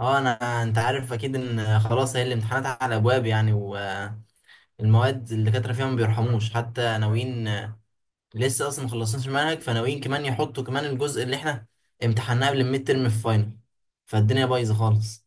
اه انا انت عارف اكيد ان خلاص هي الامتحانات على ابواب والمواد الدكاتره فيها ما بيرحموش، حتى ناويين لسه اصلا ما خلصناش المنهج، فناويين كمان يحطوا كمان الجزء اللي احنا امتحناه قبل الميد ترم في فاينل. فالدنيا بايظه خالص.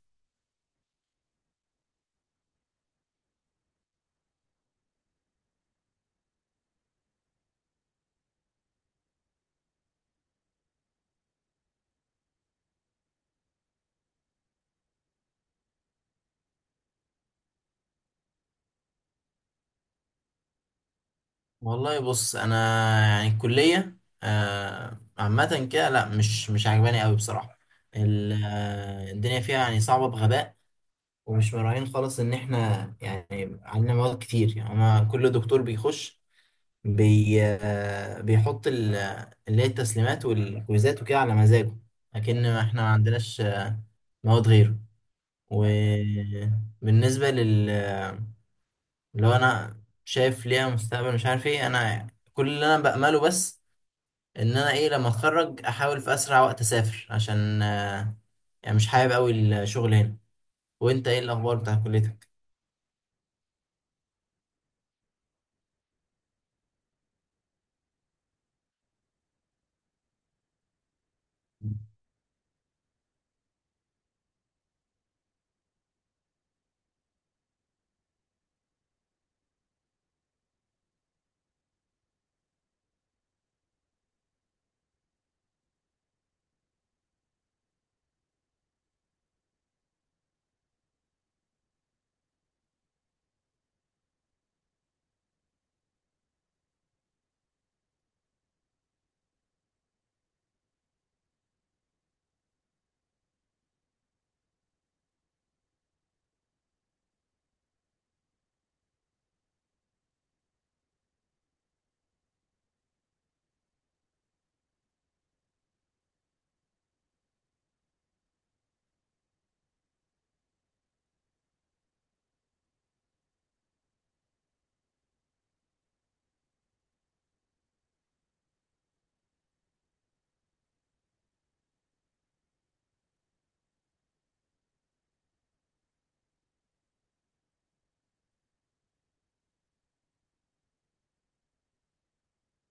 والله بص انا الكليه عامه كده، لا مش عجباني قوي بصراحه. الدنيا فيها يعني صعبه بغباء، ومش مراعين خالص ان احنا يعني عندنا مواد كتير. يعني أنا كل دكتور بيخش بي آه، بيحط اللي هي التسليمات والكويزات وكده على مزاجه، لكن احنا ما عندناش مواد غيره. وبالنسبة لل، لو انا شايف ليها مستقبل مش عارف ايه، انا كل اللي انا بأمله بس ان انا ايه لما اتخرج احاول في اسرع وقت اسافر، عشان يعني مش حابب قوي الشغل هنا. وانت ايه الاخبار بتاع كليتك؟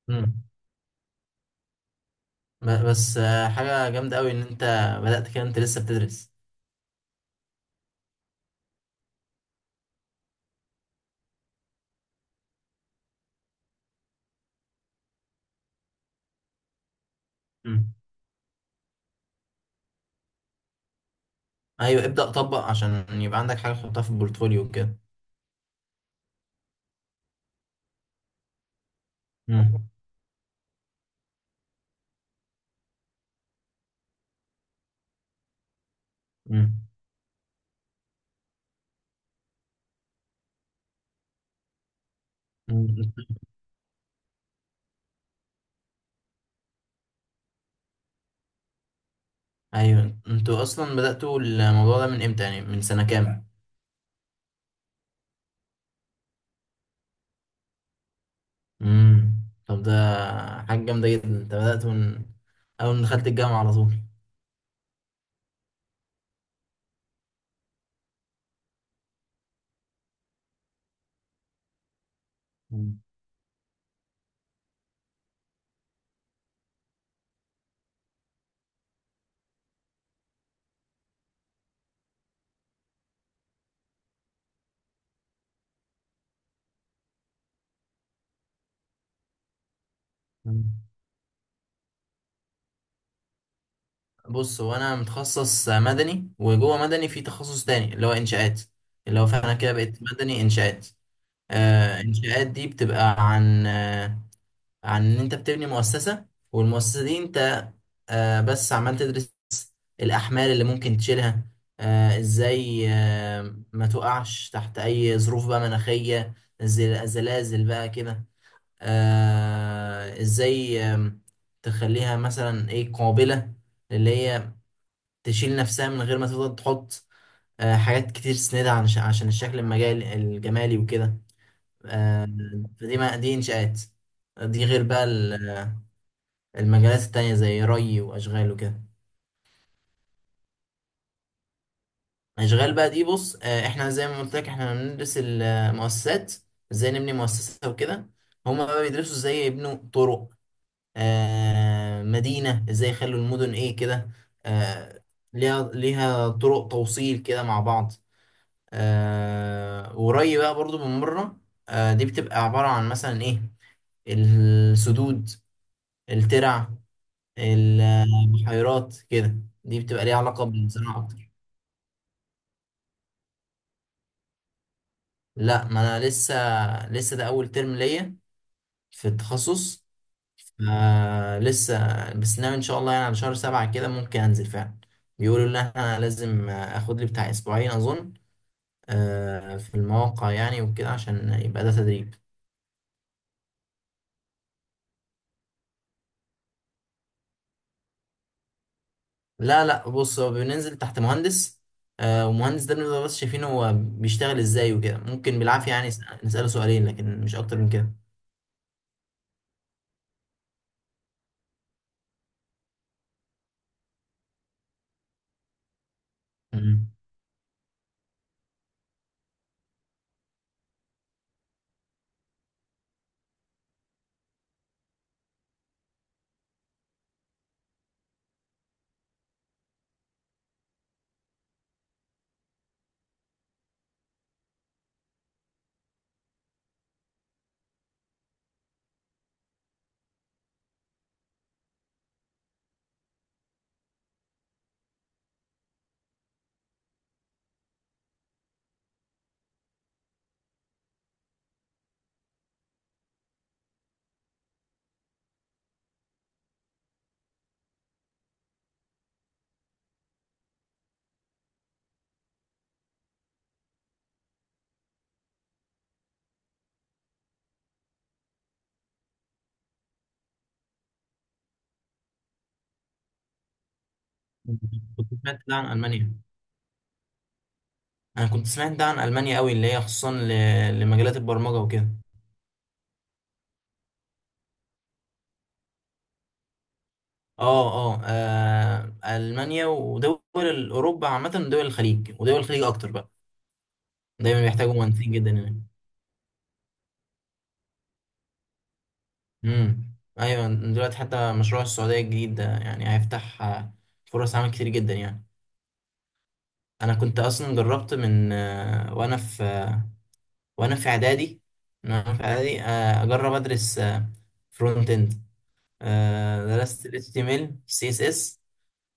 مم. بس حاجة جامدة قوي ان انت بدأت كده، انت لسه بتدرس. ايوه ابدأ طبق عشان يبقى عندك حاجة تحطها في البورتفوليو كده. مم. مم. مم. ايوه، انتوا اصلا بدأتوا الموضوع ده من امتى، يعني من سنة كام؟ امم. طب ده حاجة جامدة جدا، انت بدأت من اول ما دخلت الجامعة على طول. مم. مم. بص هو انا متخصص مدني، وجوه مدني في تخصص تاني اللي هو انشاءات، اللي هو فانا كده بقيت مدني انشاءات. آه انشاءات دي بتبقى عن ان انت بتبني مؤسسة، والمؤسسة دي انت بس عمال تدرس الاحمال اللي ممكن تشيلها، ازاي ما تقعش تحت اي ظروف بقى مناخية، زلازل بقى كده، ازاي تخليها مثلا ايه قابلة اللي هي تشيل نفسها من غير ما تفضل تحط حاجات كتير تسندها عشان الشكل المجال الجمالي وكده. آه، فدي ما دي انشاءات، دي غير بقى المجالات التانية زي ري وأشغال وكده. أشغال بقى دي بص، إحنا زي ما قلت لك إحنا بندرس المؤسسات، إزاي نبني مؤسسة وكده. هما بقى بيدرسوا إزاي يبنوا طرق، مدينة إزاي يخلوا المدن إيه كده، آه، ليها طرق توصيل كده مع بعض. وري بقى برضو من بره، دي بتبقى عبارة عن مثلا إيه، السدود، الترع، البحيرات كده. دي بتبقى ليها علاقة بالزراعة أكتر. لا ما انا لسه، لسه ده اول ترم ليا في التخصص. آه لسه، بس ناوي ان شاء الله يعني على شهر سبعة كده ممكن انزل فعلا. بيقولوا ان انا لازم اخد لي بتاع اسبوعين اظن، آه في المواقع يعني وكده عشان يبقى ده تدريب. لا لا بص هو بننزل تحت مهندس، آه ومهندس ده بنبقى بس شايفين هو بيشتغل ازاي وكده. ممكن بالعافية يعني نسأله سؤالين، لكن مش اكتر من كده. مم. كنت سمعت ده عن المانيا. انا كنت سمعت ده عن المانيا قوي، اللي هي خصوصا لمجالات البرمجه وكده. اه. اه. المانيا ودول اوروبا عامه، ودول الخليج، ودول الخليج اكتر بقى دايما بيحتاجوا مهندسين جدا هناك. امم. ايوه دلوقتي حتى مشروع السعوديه الجديد ده يعني هيفتح فرص عمل كتير جدا يعني. انا كنت اصلا جربت من وانا في اعدادي، اجرب ادرس فرونت اند. درست ال HTML، CSS،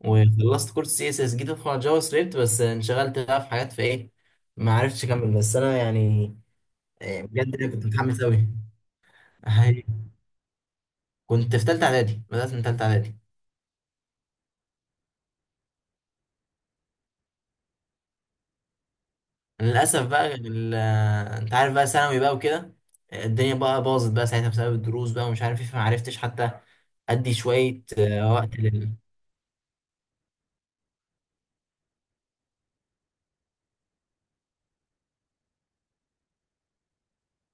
وخلصت كورس سي اس اس، جيت ادخل على جافا سكريبت بس انشغلت بقى في حاجات في ايه، ما عرفتش اكمل. بس انا يعني، إيه، بجد أنا كنت متحمس قوي. كنت في تالتة اعدادي، بدأت من تالتة اعدادي. للاسف بقى انت عارف بقى ثانوي بقى وكده، الدنيا بقى باظت بقى ساعتها بسبب الدروس بقى ومش عارف ايه، فما عرفتش حتى ادي شوية وقت لل.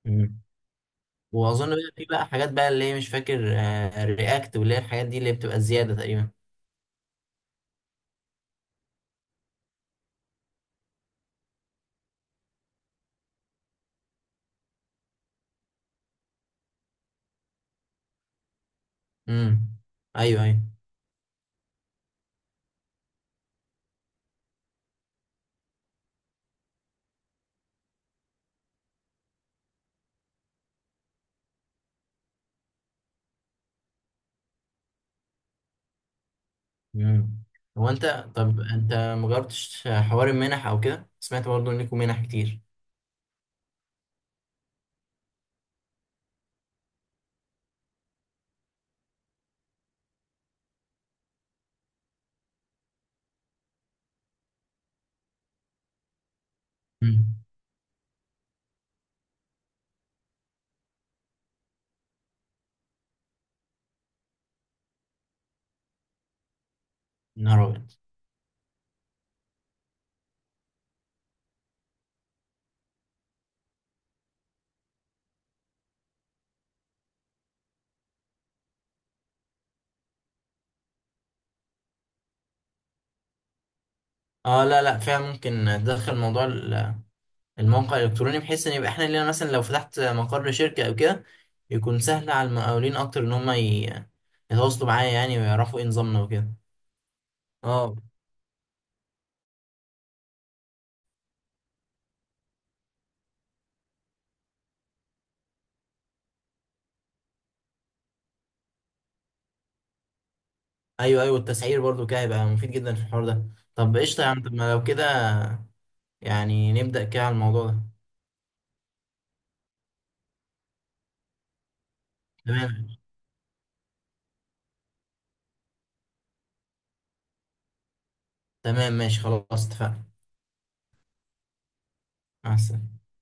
مم. واظن بقى في بقى حاجات بقى اللي هي مش فاكر، رياكت واللي هي الحاجات دي اللي بتبقى زيادة تقريبا. امم. ايوه ايوه. مم. هو انت، طب انت مجربتش حوار المنح او كده؟ سمعت برضه انكم منح كتير. مم. نهار ابيض. اه لا لا فعلا ممكن تدخل موضوع الموقع الالكتروني، بحيث ان يبقى احنا لينا، مثلا لو فتحت مقر شركه او كده، يكون سهل على المقاولين اكتر ان هم يتواصلوا معايا، يعني ويعرفوا ايه نظامنا وكده. اه. ايوه ايوه، التسعير برضو كده هيبقى مفيد جدا في الحوار ده. طب قشطه يا عم، طب ما لو كده يعني نبدا كده على الموضوع ده. تمام تمام ماشي خلاص اتفقنا. مع السلامه.